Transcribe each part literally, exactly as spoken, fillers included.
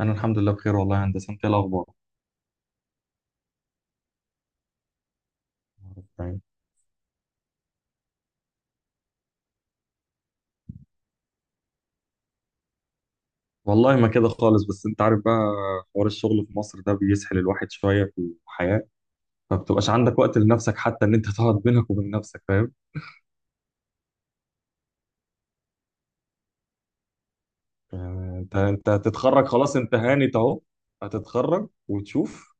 انا الحمد لله بخير، والله يا هندسه. انت إيه الاخبار؟ تمام. والله ما كده خالص، بس انت عارف بقى، حوار الشغل في مصر ده بيسحل الواحد شويه في الحياه. ما بتبقاش عندك وقت لنفسك حتى ان انت تقعد بينك وبين نفسك، فاهم؟ يعني انت انت هتتخرج، خلاص انت هانت اهو، هتتخرج وتشوف.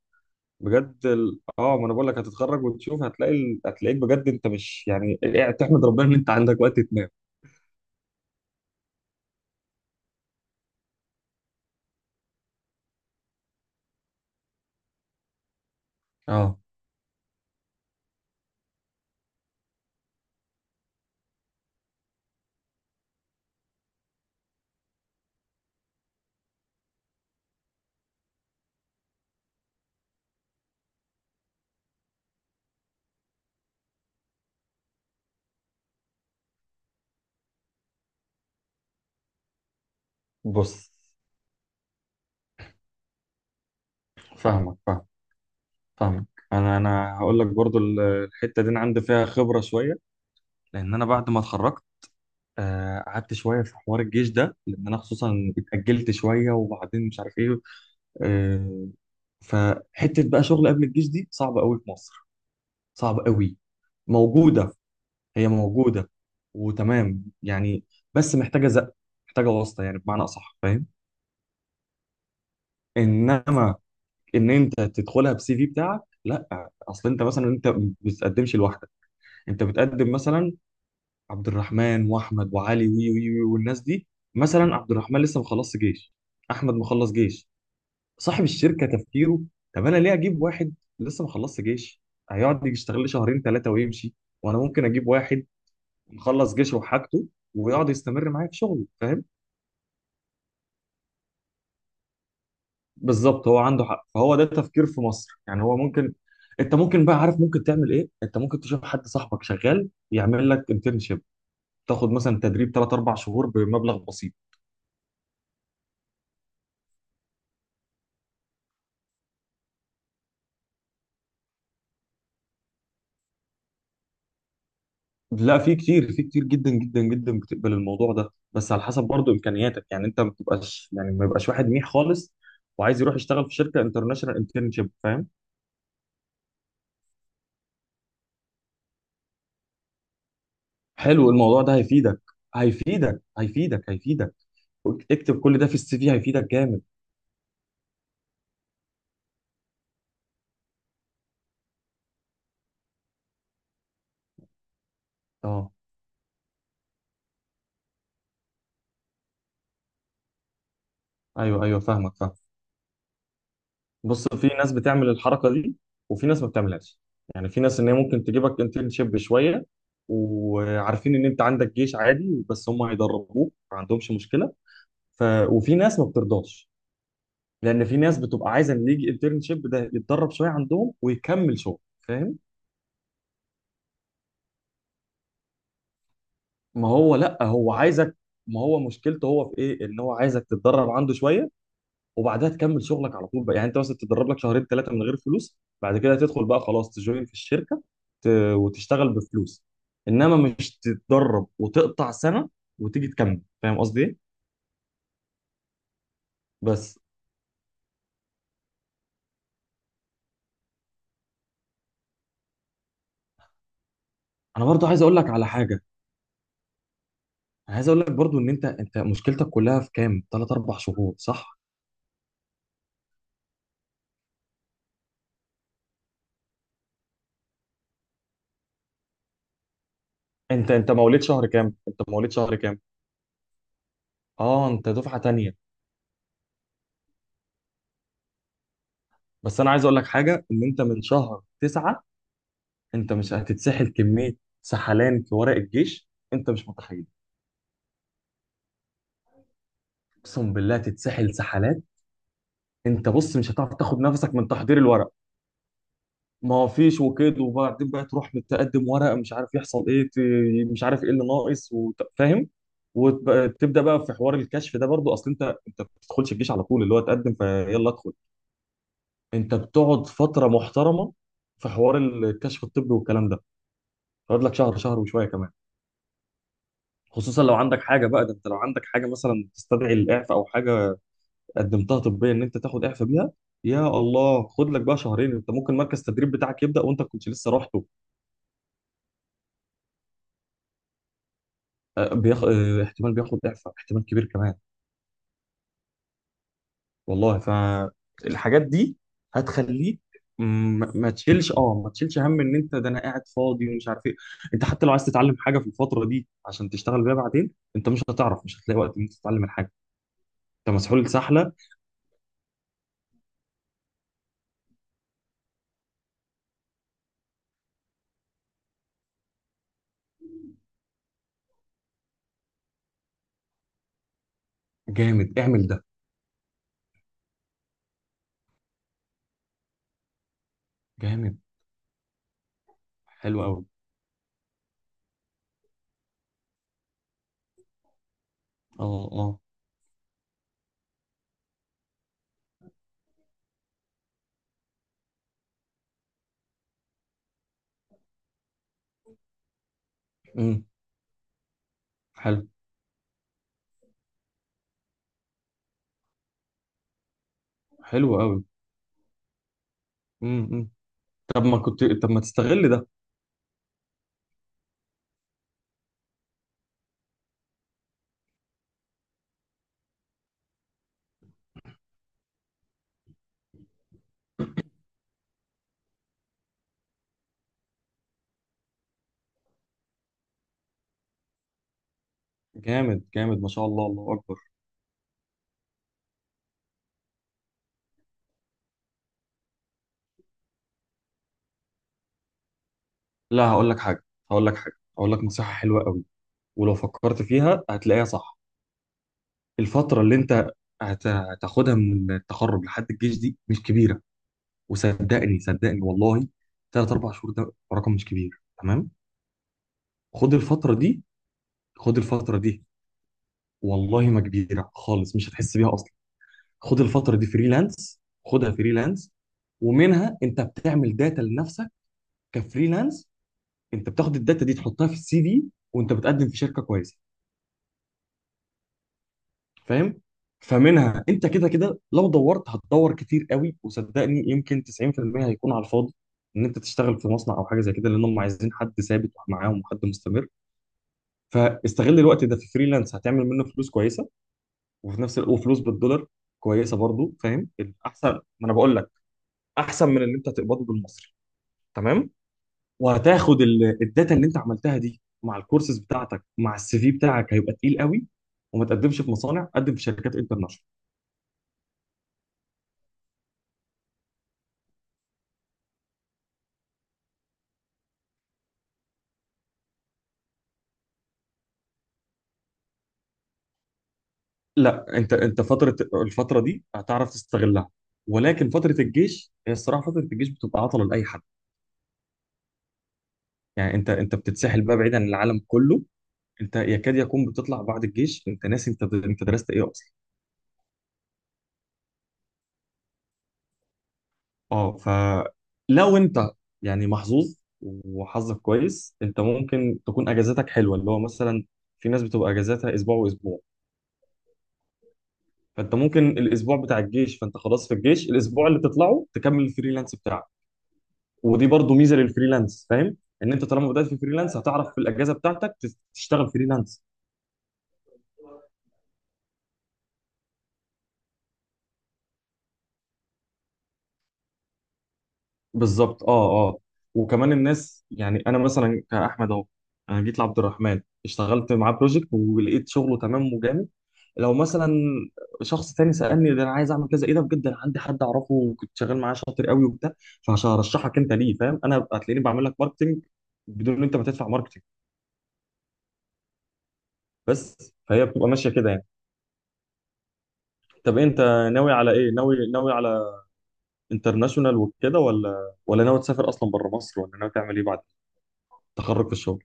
بجد ال... اه ما انا بقول لك هتتخرج وتشوف، هتلاقي ال... هتلاقيك بجد، انت مش يعني قاعد تحمد ربنا ان انت عندك وقت تنام. اه، بص، فاهمك فاهم فاهمك. انا انا هقول لك برضو ال- الحته دي انا عندي فيها خبره شويه، لان انا بعد ما اتخرجت آه، قعدت شويه في حوار الجيش ده، لان انا خصوصا اتاجلت شويه وبعدين مش عارف ايه. آه، فحته بقى شغل قبل الجيش دي صعبه قوي في مصر، صعبه قوي. موجوده، هي موجوده وتمام يعني، بس محتاجه زق، محتاجه واسطه يعني بمعنى اصح، فاهم؟ انما ان انت تدخلها بسي في بتاعك لا، اصل انت مثلا انت ما بتقدمش لوحدك، انت بتقدم مثلا عبد الرحمن واحمد وعلي وي وي وي والناس دي. مثلا عبد الرحمن لسه مخلص جيش، احمد مخلص جيش، صاحب الشركه تفكيره: طب انا ليه اجيب واحد لسه مخلص جيش هيقعد يشتغل لي شهرين ثلاثه ويمشي، وانا ممكن اجيب واحد مخلص جيشه وحاجته ويقعد يستمر معايا في شغله، فاهم؟ بالظبط هو عنده حق، فهو ده التفكير في مصر، يعني هو ممكن انت ممكن، بقى عارف ممكن تعمل ايه؟ انت ممكن تشوف حد صاحبك شغال يعمل لك انترنشيب، تاخد مثلا تدريب تلات أربع شهور بمبلغ بسيط. لا في كتير في كتير جدا جدا جدا بتقبل الموضوع ده، بس على حسب برضه امكانياتك، يعني انت ما بتبقاش يعني ما يبقاش واحد منيح خالص وعايز يروح يشتغل في شركه انترناشونال انترنشيب، فاهم؟ حلو، الموضوع ده هيفيدك، هيفيدك هيفيدك هيفيدك. اكتب كل ده في السي في، هيفيدك جامد. اه، ايوه ايوه، فاهمك فاهم. بص، في ناس بتعمل الحركه دي وفي ناس ما بتعملهاش، يعني في ناس ان هي ممكن تجيبك انترنشيب شويه وعارفين ان انت عندك جيش، عادي بس هم هيدربوك، ما عندهمش مشكله. ف... وفي ناس ما بترضاش، لان في ناس بتبقى عايزه اللي يجي انترنشيب ده يتدرب شويه عندهم ويكمل شغل، فاهم؟ ما هو لا، هو عايزك، ما هو مشكلته هو في ايه؟ ان هو عايزك تتدرب عنده شويه وبعدها تكمل شغلك على طول بقى. يعني انت مثلا تتدرب لك شهرين ثلاثه من غير فلوس، بعد كده تدخل بقى خلاص تجوين في الشركه، ت... وتشتغل بفلوس، انما مش تتدرب وتقطع سنه وتيجي تكمل، فاهم قصدي ايه؟ بس انا برضو عايز اقول لك على حاجه، انا عايز اقول لك برضو ان انت انت مشكلتك كلها في كام تلات أربع شهور، صح؟ انت انت مواليد شهر كام؟ انت مواليد شهر كام؟ اه، انت دفعه تانية. بس انا عايز اقول لك حاجه، ان انت من شهر تسعة انت مش هتتسحل كميه، سحلان في ورق الجيش انت مش متخيل. اقسم بالله تتسحل سحلات. انت بص مش هتعرف تاخد نفسك من تحضير الورق، ما فيش وكده، وبعدين بقى تروح تقدم ورق مش عارف يحصل ايه، ت- مش عارف ايه اللي ناقص، وت- فاهم؟ وتبدا بقى في حوار الكشف ده برضو، اصل انت انت ما بتدخلش الجيش على طول اللي هو تقدم فيلا ادخل. انت بتقعد فتره محترمه في حوار الكشف الطبي والكلام ده، تقعد لك شهر، شهر وشويه كمان. خصوصا لو عندك حاجه بقى، ده انت لو عندك حاجه مثلا تستدعي الاعفاء او حاجه قدمتها طبيا ان انت تاخد اعفاء بيها، يا الله خد لك بقى شهرين. انت ممكن مركز التدريب بتاعك يبدا وانت كنت لسه رحته. آه، بياخ... آه، احتمال بياخد اعفاء، احتمال كبير كمان. والله، فالحاجات دي هتخليك. م- ما تشيلش، اه ما تشيلش هم، ان انت ده انا قاعد فاضي ومش عارف ايه. انت حتى لو عايز تتعلم حاجه في الفتره دي عشان تشتغل بيها بعدين، انت مش هتعرف، مش هتلاقي وقت ان انت تتعلم الحاجه، انت مسحول سحله. جامد، اعمل ده. جامد، حلو قوي. اه اه. امم. حلو حلو قوي. امم. طب ما كنت طب ما تستغل ده. جامد جامد، ما شاء الله، الله اكبر. لا، هقول لك حاجه، هقول لك حاجه هقول لك نصيحه حلوه قوي، ولو فكرت فيها هتلاقيها صح. الفترة اللي انت هت- هتاخدها من التخرج لحد الجيش دي مش كبيرة، وصدقني صدقني والله، تلات أربع شهور ده رقم مش كبير، تمام. خد الفترة دي، خد الفترة دي، والله ما كبيرة خالص، مش هتحس بيها أصلا. خد الفترة دي فريلانس، خدها فريلانس. ومنها انت بتعمل داتا لنفسك كفريلانس، انت بتاخد الداتا دي تحطها في السي في وانت بتقدم في شركة كويسة، فاهم؟ فمنها انت كده كده لو دورت هتدور كتير قوي، وصدقني يمكن تسعين في المية هيكون على الفاضي ان انت تشتغل في مصنع او حاجه زي كده، لان هم عايزين حد ثابت معاهم وحد مستمر. فاستغل الوقت ده في فريلانس، هتعمل منه فلوس كويسه، وفي نفس الوقت وفلوس بالدولار كويسه برضو، فاهم؟ احسن ما انا بقول لك، احسن من اللي انت هتقبضه بالمصري، تمام. وهتاخد ال- الداتا اللي انت عملتها دي مع الكورسز بتاعتك مع السي في بتاعك هيبقى تقيل قوي، وما تقدمش في مصانع، قدم في شركات انترناشونال. لا انت انت فتره الفتره دي هتعرف تستغلها، ولكن فتره الجيش هي الصراحه، فتره الجيش بتبقى عطله لاي حد. يعني انت انت بتتسحل بقى، بعيد عن العالم كله، انت يكاد يكون بتطلع بعد الجيش انت ناسي انت انت درست ايه اصلا. اه، فلو انت يعني محظوظ وحظك كويس، انت ممكن تكون اجازاتك حلوه، اللي هو مثلا في ناس بتبقى اجازاتها اسبوع واسبوع، فانت ممكن الاسبوع بتاع الجيش، فانت خلاص في الجيش الاسبوع اللي تطلعه تكمل الفريلانس بتاعك. ودي برضو ميزه للفريلانس، فاهم؟ ان انت طالما بدات في فريلانس هتعرف في الاجازه بتاعتك تس- تشتغل فريلانس. بالظبط، اه اه. وكمان الناس يعني، انا مثلا كاحمد اهو، انا جيت لعبد الرحمن اشتغلت معاه بروجكت ولقيت شغله تمام وجامد. لو مثلا شخص تاني سالني، ده انا عايز اعمل كذا ايه ده؟ بجد انا عندي حد اعرفه وكنت شغال معاه، شاطر قوي وبتاع، فعشان ارشحك انت ليه، فاهم؟ انا هتلاقيني بعمل لك ماركتنج بدون ان انت ما تدفع ماركتنج. بس فهي بتبقى ماشيه كده يعني. طب انت ناوي على ايه؟ ناوي ناوي على انترناشونال وكده، ولا ولا ناوي تسافر اصلا بره مصر، ولا ناوي تعمل ايه بعد التخرج في الشغل؟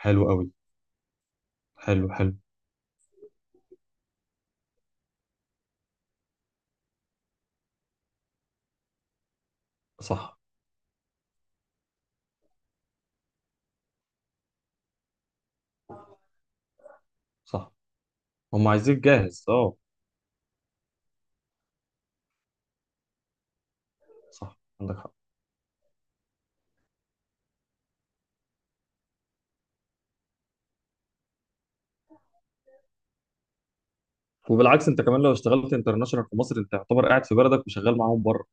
حلو قوي. حلو حلو. صح صح. هم عايزينك جاهز، اه. صح، عندك حق. وبالعكس انت كمان لو اشتغلت انترناشونال في مصر، انت يعتبر قاعد في بلدك وشغال معاهم بره.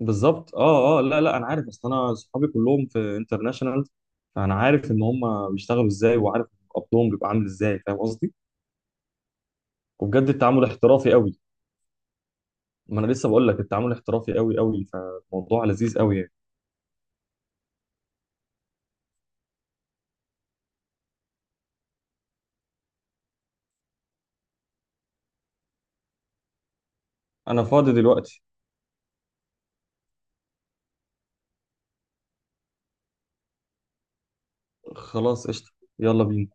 بالظبط اه اه، لا لا انا عارف، اصل انا صحابي كلهم في انترناشونال، فانا عارف ان هم بيشتغلوا ازاي وعارف قبضهم بيبقى عامل ازاي، فاهم قصدي؟ وبجد التعامل احترافي قوي. ما انا لسه بقول لك، التعامل احترافي قوي قوي، فالموضوع لذيذ قوي يعني. انا فاضي دلوقتي. خلاص، قشطة. يلا بينا.